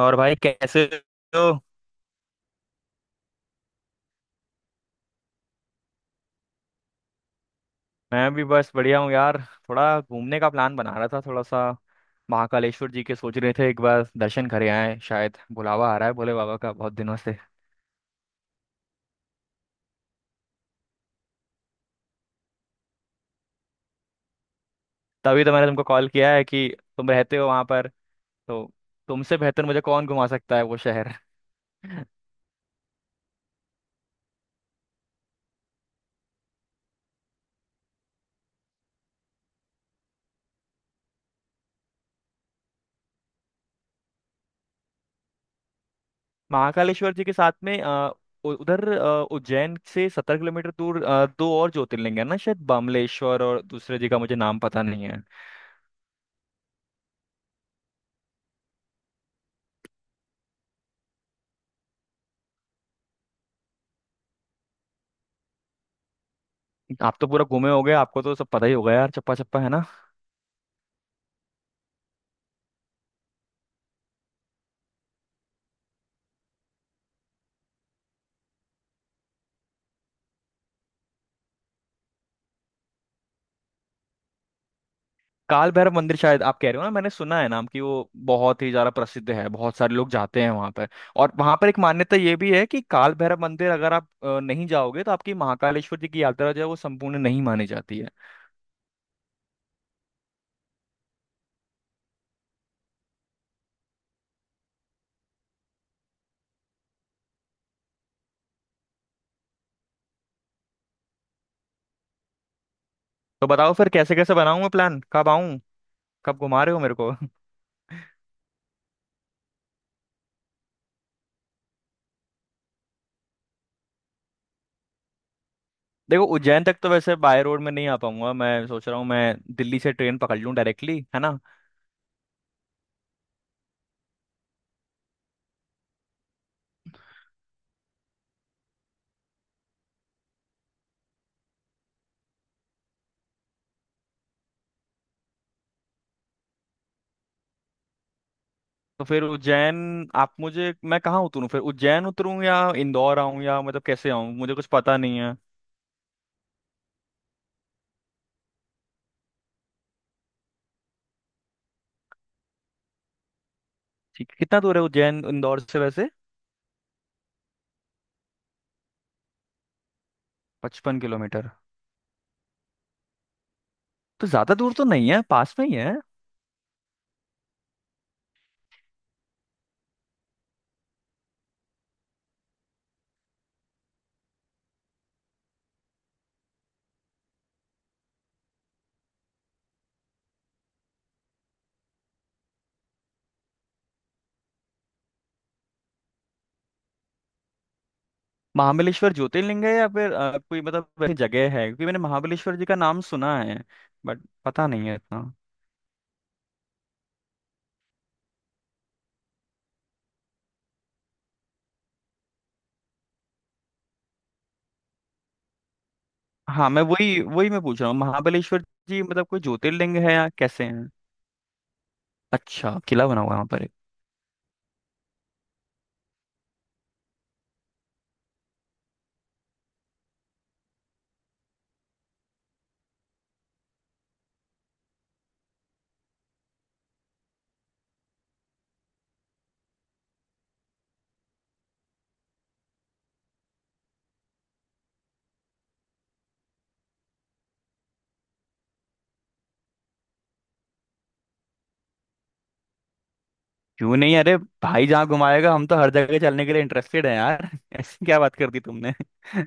और भाई कैसे हो। मैं भी बस बढ़िया हूँ यार। थोड़ा घूमने का प्लान बना रहा था, थोड़ा सा। महाकालेश्वर जी के सोच रहे थे एक बार दर्शन करे आए, शायद बुलावा आ रहा है भोले बाबा का बहुत दिनों से। तभी तो मैंने तुमको कॉल किया है कि तुम रहते हो वहां पर, तो तुमसे बेहतर मुझे कौन घुमा सकता है वो शहर। महाकालेश्वर जी के साथ में उज्जैन से 70 किलोमीटर दूर दो और ज्योतिर्लिंग है ना, शायद बमलेश्वर, और दूसरे जी का मुझे नाम पता नहीं है। आप तो पूरा घूमे होगे, आपको तो सब पता ही होगा यार, चप्पा चप्पा है ना। काल भैरव मंदिर शायद आप कह रहे हो ना, मैंने सुना है नाम कि वो बहुत ही ज्यादा प्रसिद्ध है, बहुत सारे लोग जाते हैं वहां पर। और वहां पर एक मान्यता ये भी है कि काल भैरव मंदिर अगर आप नहीं जाओगे तो आपकी महाकालेश्वर जी की यात्रा जो है वो संपूर्ण नहीं मानी जाती है। तो बताओ फिर कैसे कैसे बनाऊं मैं प्लान, कब आऊं, कब घुमा रहे हो मेरे को। देखो उज्जैन तक तो वैसे बाय रोड में नहीं आ पाऊंगा, मैं सोच रहा हूँ मैं दिल्ली से ट्रेन पकड़ लूँ डायरेक्टली, है ना। तो फिर उज्जैन, आप मुझे, मैं कहाँ उतरूँ? फिर उज्जैन उतरूँ या इंदौर आऊँ या मतलब कैसे आऊँ? मुझे कुछ पता नहीं है। ठीक है, कितना दूर है उज्जैन इंदौर से वैसे? 55 किलोमीटर, तो ज्यादा दूर तो नहीं है, पास में ही है। महाबलेश्वर ज्योतिर्लिंग है या फिर कोई मतलब वैसी जगह है, क्योंकि मैंने महाबलेश्वर जी का नाम सुना है बट पता नहीं है इतना। हाँ, मैं वही वही मैं पूछ रहा हूँ, महाबलेश्वर जी मतलब कोई ज्योतिर्लिंग है या कैसे हैं? अच्छा, किला बना हुआ है वहाँ पर एक। क्यों नहीं! अरे भाई, जहाँ घुमाएगा हम तो हर जगह चलने के लिए इंटरेस्टेड है यार। ऐसी क्या बात कर दी तुमने।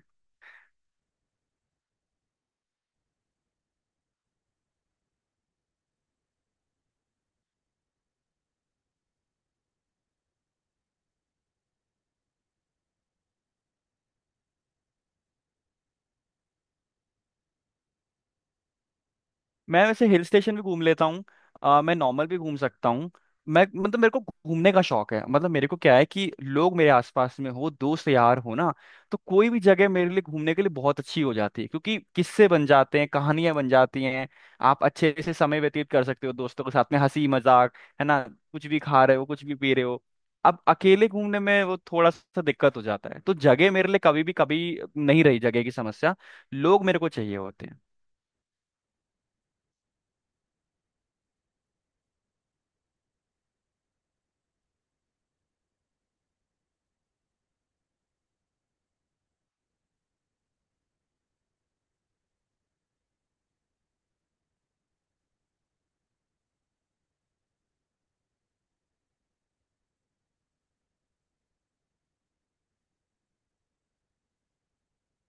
मैं वैसे हिल स्टेशन भी घूम लेता हूँ, मैं नॉर्मल भी घूम सकता हूँ। मैं मतलब मेरे को घूमने का शौक है, मतलब मेरे को क्या है कि लोग मेरे आसपास में हो, दोस्त यार हो ना, तो कोई भी जगह मेरे लिए घूमने के लिए बहुत अच्छी हो जाती है, क्योंकि किस्से बन जाते हैं, कहानियां बन जाती हैं। आप अच्छे से समय व्यतीत कर सकते हो दोस्तों के साथ में, हंसी मजाक है ना, कुछ भी खा रहे हो, कुछ भी पी रहे हो। अब अकेले घूमने में वो थोड़ा सा दिक्कत हो जाता है, तो जगह मेरे लिए कभी भी, कभी नहीं रही जगह की समस्या, लोग मेरे को चाहिए होते हैं।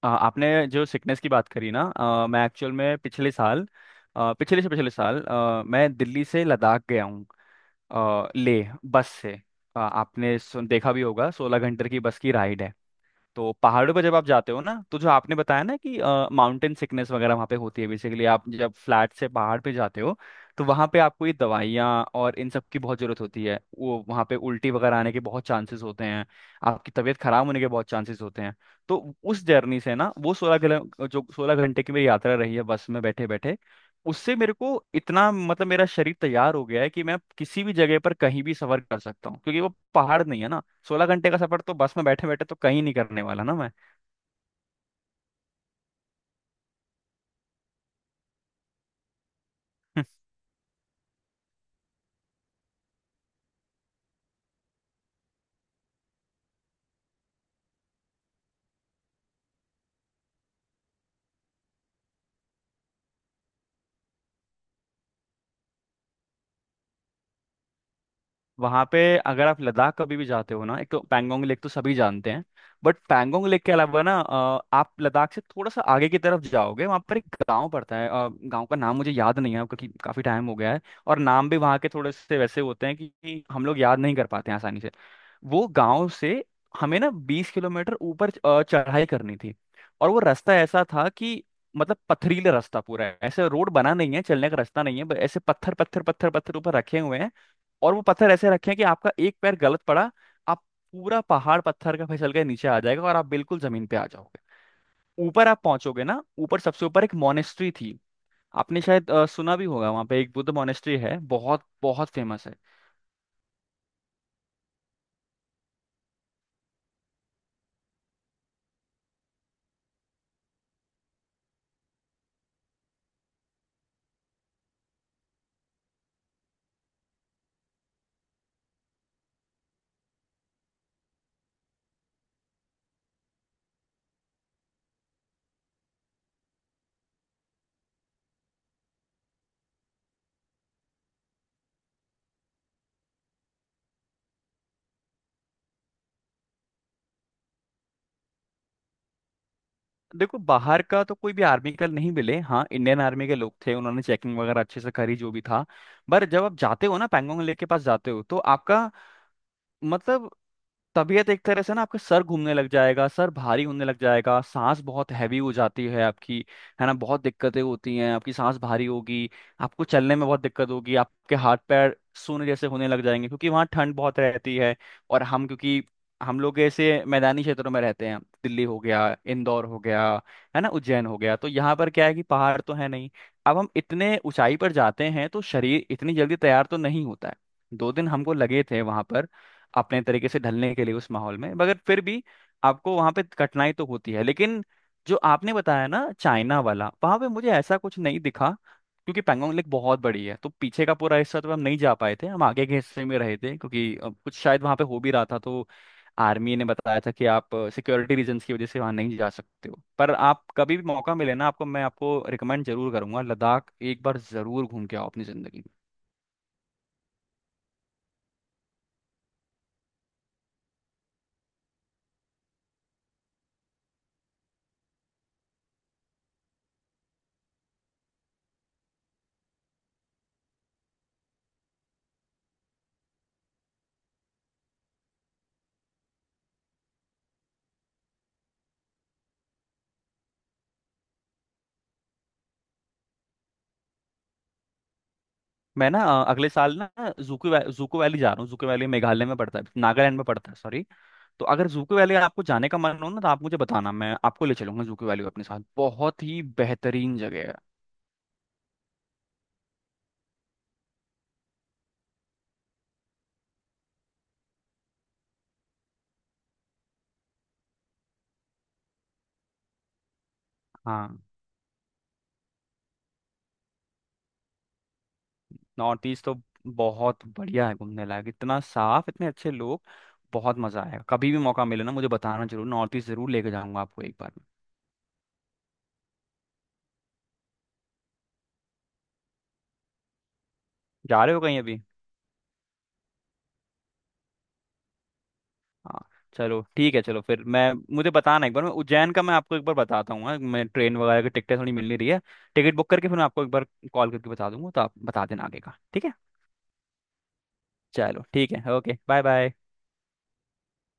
आपने जो सिकनेस की बात करी ना, मैं एक्चुअल में पिछले साल, पिछले से पिछले साल मैं दिल्ली से लद्दाख गया हूँ। आ, ले बस से। आपने सुन देखा भी होगा, 16 घंटे की बस की राइड है। तो पहाड़ों पर जब आप जाते हो ना, तो जो आपने बताया ना कि माउंटेन सिकनेस वगैरह वहाँ पे होती है, बेसिकली आप जब फ्लैट से पहाड़ पे जाते हो तो वहाँ पे आपको ये दवाइयाँ और इन सब की बहुत ज़रूरत होती है। वो वहाँ पे उल्टी वगैरह आने के बहुत चांसेस होते हैं, आपकी तबीयत खराब होने के बहुत चांसेस होते हैं। तो उस जर्नी से ना, वो सोलह किलो जो 16 घंटे की मेरी यात्रा रही है बस में बैठे बैठे, उससे मेरे को इतना, मतलब मेरा शरीर तैयार हो गया है कि मैं किसी भी जगह पर कहीं भी सफर कर सकता हूँ, क्योंकि वो पहाड़ नहीं है ना। 16 घंटे का सफर तो बस में बैठे बैठे, तो कहीं नहीं करने वाला ना मैं। वहाँ पे, अगर आप लद्दाख कभी भी जाते हो ना, एक तो पैंगोंग लेक तो सभी जानते हैं, बट पैंगोंग लेक के अलावा ना आप लद्दाख से थोड़ा सा आगे की तरफ जाओगे, वहाँ पर एक गांव पड़ता है, गांव का नाम मुझे याद नहीं है, क्योंकि काफ़ी टाइम हो गया है। और नाम भी वहाँ के थोड़े से वैसे होते हैं कि हम लोग याद नहीं कर पाते हैं आसानी से। वो गांव से हमें ना 20 किलोमीटर ऊपर चढ़ाई करनी थी, और वो रास्ता ऐसा था कि मतलब पथरीला रास्ता पूरा है, ऐसे रोड बना नहीं है, चलने का रास्ता नहीं है, ऐसे पत्थर पत्थर पत्थर पत्थर ऊपर रखे हुए हैं। और वो पत्थर ऐसे रखे हैं कि आपका एक पैर गलत पड़ा, आप पूरा पहाड़ पत्थर का फिसल के नीचे आ जाएगा और आप बिल्कुल जमीन पे आ जाओगे। ऊपर आप पहुंचोगे ना, ऊपर सबसे ऊपर एक मोनेस्ट्री थी, आपने शायद सुना भी होगा, वहां पे एक बुद्ध मोनेस्ट्री है, बहुत बहुत फेमस है। देखो बाहर का तो कोई भी आर्मी का नहीं मिले, हाँ इंडियन आर्मी के लोग थे, उन्होंने चेकिंग वगैरह अच्छे से करी जो भी था। पर जब आप जाते हो ना पैंगोंग लेक के पास जाते हो, तो आपका मतलब तबीयत एक तरह से ना, आपका सर घूमने लग जाएगा, सर भारी होने लग जाएगा, सांस बहुत हैवी हो जाती है आपकी, है ना। बहुत दिक्कतें होती हैं, आपकी सांस भारी होगी, आपको चलने में बहुत दिक्कत होगी, आपके हाथ पैर सूने जैसे होने लग जाएंगे, क्योंकि वहाँ ठंड बहुत रहती है। और हम क्योंकि, हम लोग ऐसे मैदानी क्षेत्रों में रहते हैं, दिल्ली हो गया, इंदौर हो गया, है ना उज्जैन हो गया, तो यहाँ पर क्या है कि पहाड़ तो है नहीं। अब हम इतने ऊंचाई पर जाते हैं तो शरीर इतनी जल्दी तैयार तो नहीं होता है। दो दिन हमको लगे थे वहां पर अपने तरीके से ढलने के लिए उस माहौल में, मगर फिर भी आपको वहां पे कठिनाई तो होती है। लेकिन जो आपने बताया ना चाइना वाला, वहां पे मुझे ऐसा कुछ नहीं दिखा, क्योंकि पैंगोंग लेक बहुत बड़ी है, तो पीछे का पूरा हिस्सा तो हम नहीं जा पाए थे, हम आगे के हिस्से में रहे थे, क्योंकि कुछ शायद वहां पे हो भी रहा था, तो आर्मी ने बताया था कि आप सिक्योरिटी रीजंस की वजह से वहां नहीं जा सकते हो। पर आप कभी भी मौका मिले ना, आपको मैं आपको रिकमेंड जरूर करूंगा, लद्दाख एक बार जरूर घूम के आओ अपनी जिंदगी में। मैं ना अगले साल ना जूको वैली जा रहा हूँ। जूको वैली मेघालय में पड़ता है, नागालैंड में पड़ता है सॉरी। तो अगर जूको वैली आपको जाने का मन हो ना, तो आप मुझे बताना, मैं आपको ले चलूंगा जूको वैली अपने साथ, बहुत ही बेहतरीन जगह है। हाँ, नॉर्थ ईस्ट तो बहुत बढ़िया है घूमने लायक, इतना साफ, इतने अच्छे लोग। बहुत मजा आएगा, कभी भी मौका मिले ना मुझे बताना जरूर, नॉर्थ ईस्ट जरूर लेके जाऊंगा आपको एक बार। जा रहे हो कहीं अभी? हाँ। चलो ठीक है, चलो फिर मैं, मुझे बताना एक बार, मैं उज्जैन का मैं आपको एक बार बताता हूँ। हाँ, मैं ट्रेन वगैरह की टिकटें थोड़ी मिल नहीं रही है, टिकट बुक करके फिर मैं आपको एक बार कॉल करके बता दूंगा, तो आप बता देना आगे का, ठीक है। चलो ठीक है, ओके, बाय बाय।